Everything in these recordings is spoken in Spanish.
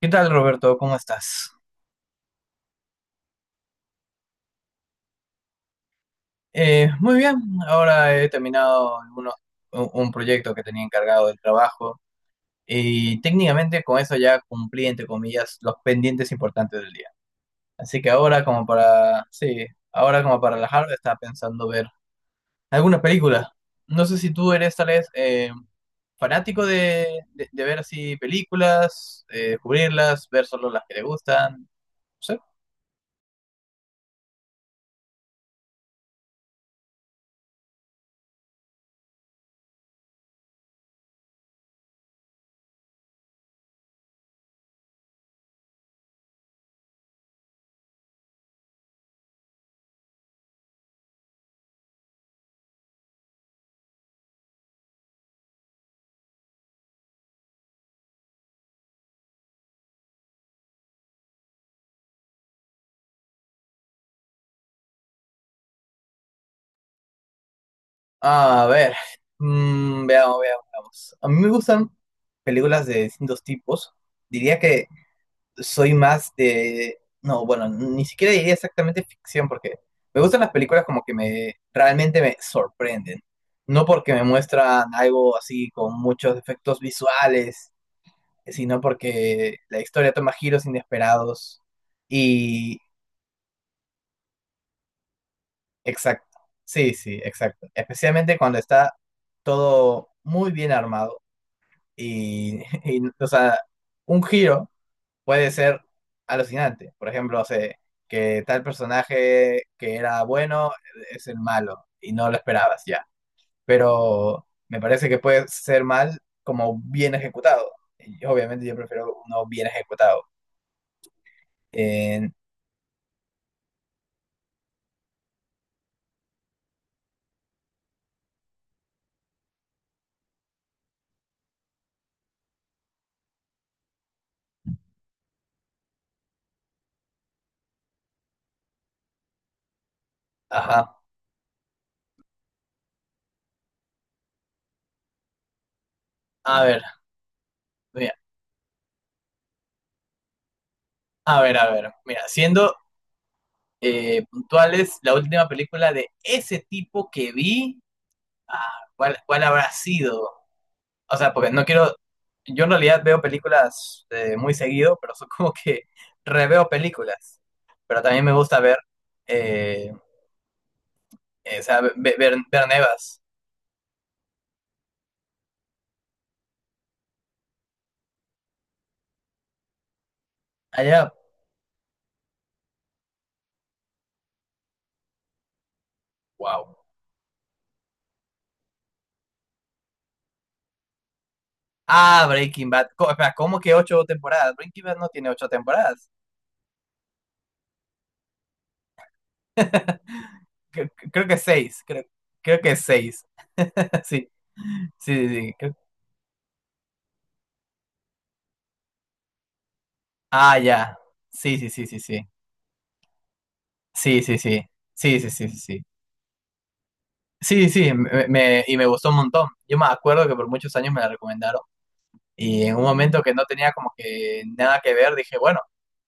¿Qué tal, Roberto? ¿Cómo estás? Muy bien, ahora he terminado un proyecto que tenía encargado del trabajo y técnicamente con eso ya cumplí, entre comillas, los pendientes importantes del día. Así que ahora como para, sí, ahora como para relajarme, estaba pensando ver alguna película. No sé si tú eres tal vez fanático de ver así películas, descubrirlas, ver solo las que te gustan. A ver, veamos, veamos, veamos. A mí me gustan películas de distintos tipos. Diría que soy más de. No, bueno, ni siquiera diría exactamente ficción porque me gustan las películas como que me realmente me sorprenden. No porque me muestran algo así con muchos efectos visuales, sino porque la historia toma giros inesperados y. Exacto. Sí, sí, exacto. Especialmente cuando está todo muy bien armado. Y, y, o sea, un giro puede ser alucinante. Por ejemplo, o sea, que tal personaje que era bueno es el malo y no lo esperabas ya. Pero me parece que puede ser mal como bien ejecutado. Y obviamente yo prefiero uno bien ejecutado. Eh, ajá. A ver, mira, a ver, a ver. Mira, siendo puntuales, la última película de ese tipo que vi, ah, ¿cuál habrá sido? O sea, porque no quiero, yo en realidad veo películas muy seguido, pero son como que reveo películas. Pero también me gusta ver, eh, o sea, ver nuevas. Allá, wow. Ah, Breaking Bad. Espera, ¿cómo que ocho temporadas? Breaking Bad no tiene ocho temporadas. Creo que seis, creo que seis. Sí, sí, sí, sí. Ah, ya. Sí, sí, sí, sí, sí. Sí, sí, sí. Sí, sí, sí, sí. Sí. Sí, sí, y me gustó un montón. Yo me acuerdo que por muchos años me la recomendaron y en un momento que no tenía como que nada que ver, dije, bueno,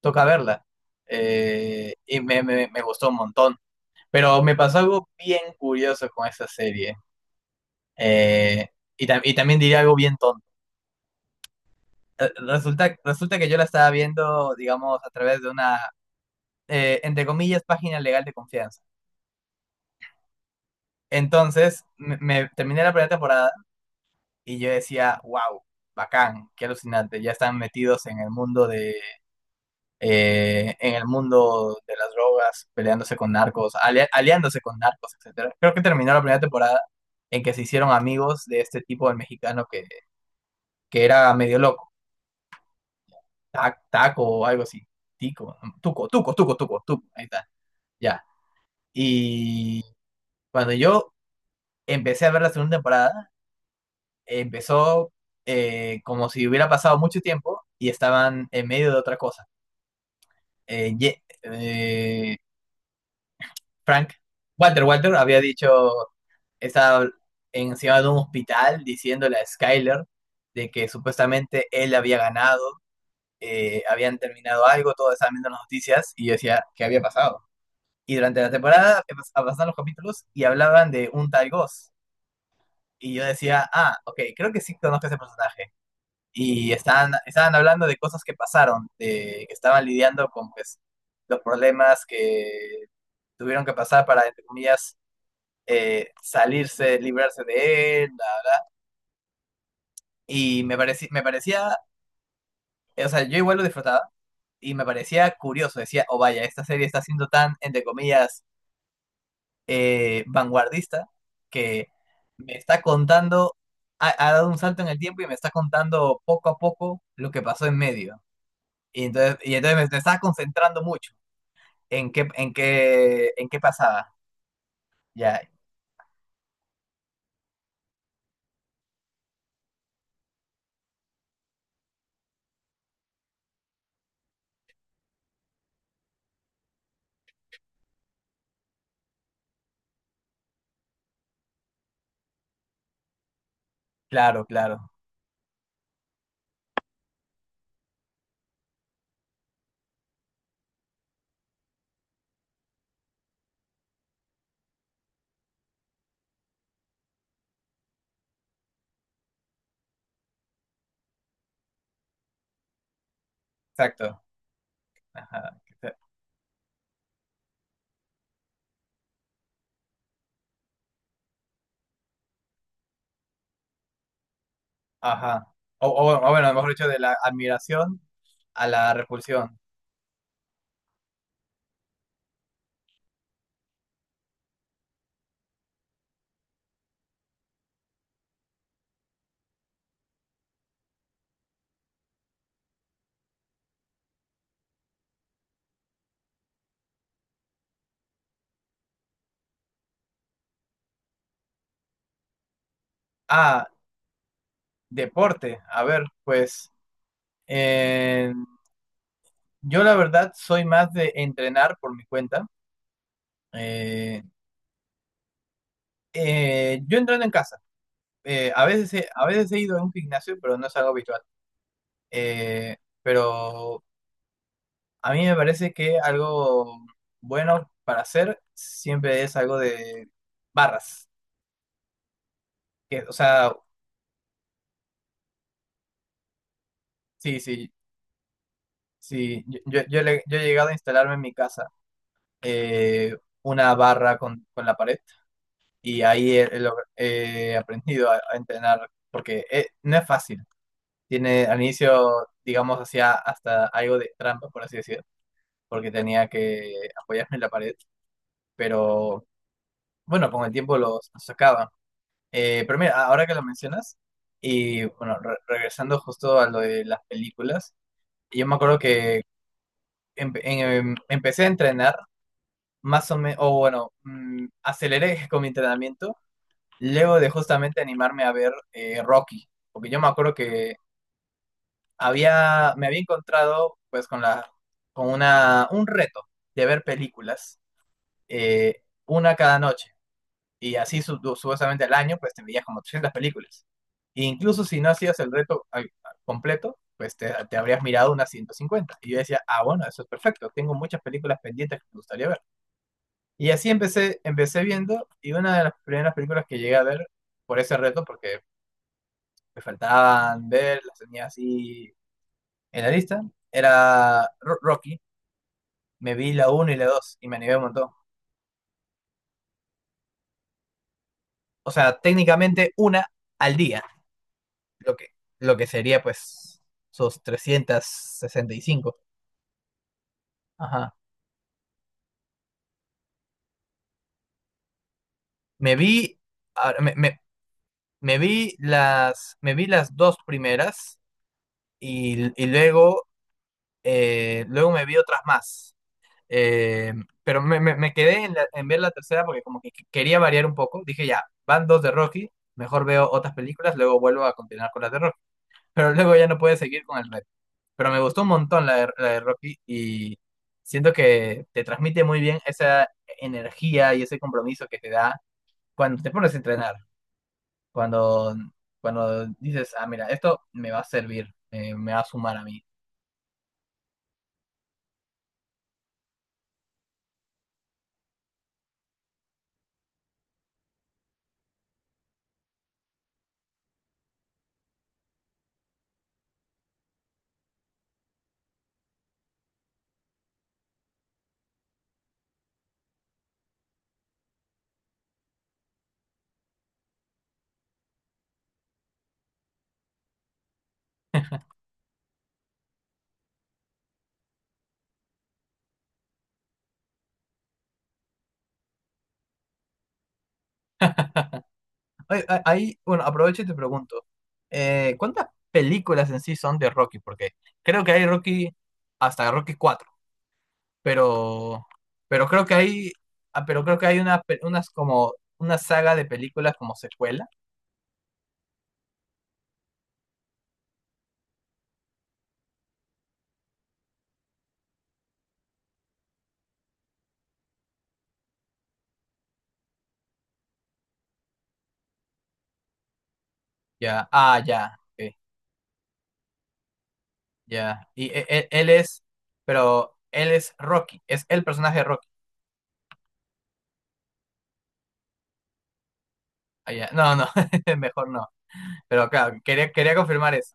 toca verla. Y me gustó un montón. Pero me pasó algo bien curioso con esa serie. Eh, y también diría algo bien tonto. Resulta que yo la estaba viendo, digamos, a través de una, entre comillas, página legal de confianza. Entonces, terminé la primera temporada. Y yo decía, wow, bacán, qué alucinante, ya están metidos en el mundo de, en el mundo de las drogas, peleándose con narcos, aliándose con narcos, etcétera. Creo que terminó la primera temporada en que se hicieron amigos de este tipo del mexicano que era medio loco. Taco o algo así, tico, tuco, tuco, tuco, tuco, tuco, ahí está, ya. Y cuando yo empecé a ver la segunda temporada, empezó como si hubiera pasado mucho tiempo y estaban en medio de otra cosa eh, Ye- eh, Frank, Walter había dicho, estaba encima de un hospital diciéndole a Skyler de que supuestamente él había ganado, habían terminado algo, todos estaban viendo las noticias y yo decía, ¿qué había pasado? Y durante la temporada avanzaban los capítulos y hablaban de un tal Ghost. Y yo decía, ah, ok, creo que sí conozco a ese personaje. Y estaban hablando de cosas que pasaron, de que estaban lidiando con pues, los problemas que tuvieron que pasar para, entre comillas, salirse, librarse de él. Y me parecía, o sea, yo igual lo disfrutaba y me parecía curioso. Decía, oh vaya, esta serie está siendo tan, entre comillas, vanguardista que me está contando, ha dado un salto en el tiempo y me está contando poco a poco lo que pasó en medio. Y entonces me estaba concentrando mucho en qué pasaba. Ya, claro, claro, exacto. Ajá. Ajá. O bueno, mejor dicho, de la admiración a la repulsión. Ah, deporte. A ver, pues eh, yo la verdad soy más de entrenar por mi cuenta. Eh, yo entreno en casa. A veces he ido a un gimnasio, pero no es algo habitual. Pero a mí me parece que algo bueno para hacer siempre es algo de barras. Que, o sea, sí, sí. Sí, yo he llegado a instalarme en mi casa eh, una barra con la pared y ahí he aprendido a entrenar porque no es fácil. Tiene al inicio, digamos, hacía hasta algo de trampa, por así decirlo, porque tenía que apoyarme en la pared, pero bueno, con el tiempo lo los sacaba. Pero mira, ahora que lo mencionas, y bueno, regresando justo a lo de las películas, yo me acuerdo que empecé a entrenar más o menos, o bueno, aceleré con mi entrenamiento luego de justamente animarme a ver Rocky, porque yo me acuerdo que me había encontrado pues con la, un reto de ver películas, una cada noche, y así supuestamente al año pues te veías como 300 películas. E incluso si no hacías el reto completo, pues te habrías mirado unas 150. Y yo decía, ah, bueno, eso es perfecto, tengo muchas películas pendientes que me gustaría ver. Y así empecé viendo, y una de las primeras películas que llegué a ver por ese reto, porque me faltaban ver, las tenía así en la lista, era Rocky. Me vi la uno y la dos y me animé un montón. O sea, técnicamente una al día, lo que, lo que sería pues sus 365. Ajá. Me vi, ahora, me- me vi las dos primeras y luego, luego me vi otras más. Eh, pero me quedé en ver la tercera porque como que quería variar un poco. Dije, ya, van dos de Rocky, mejor veo otras películas, luego vuelvo a continuar con las de Rocky. Pero luego ya no pude seguir con el reto. Pero me gustó un montón la de, Rocky y siento que te transmite muy bien esa energía y ese compromiso que te da cuando te pones a entrenar, cuando, cuando dices, ah, mira, esto me va a servir, me va a sumar a mí. Ahí, ahí, bueno, aprovecho y te pregunto, ¿cuántas películas en sí son de Rocky? Porque creo que hay Rocky hasta Rocky 4, pero, pero creo que hay unas como una saga de películas como secuela. Ya, ah, ya, ok, ya. Y él, es, pero él es Rocky, es el personaje de Rocky. Ah, ya. No, no, mejor no. Pero claro, quería confirmar eso.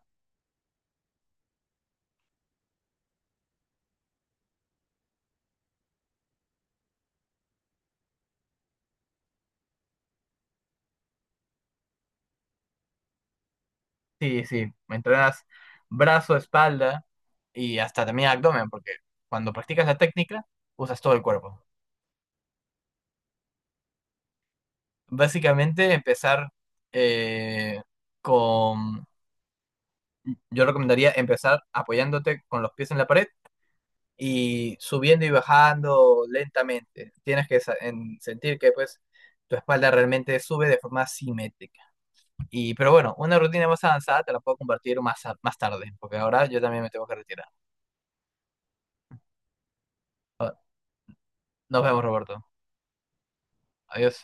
Sí, sí, entrenas brazo, espalda y hasta también abdomen, porque cuando practicas la técnica usas todo el cuerpo. Básicamente eh, con, yo recomendaría empezar apoyándote con los pies en la pared y subiendo y bajando lentamente. Tienes que sentir que pues tu espalda realmente sube de forma simétrica. Y, pero bueno, una rutina más avanzada te la puedo compartir más, más tarde, porque ahora yo también me tengo que retirar. Ah, nos vemos, Roberto. Adiós.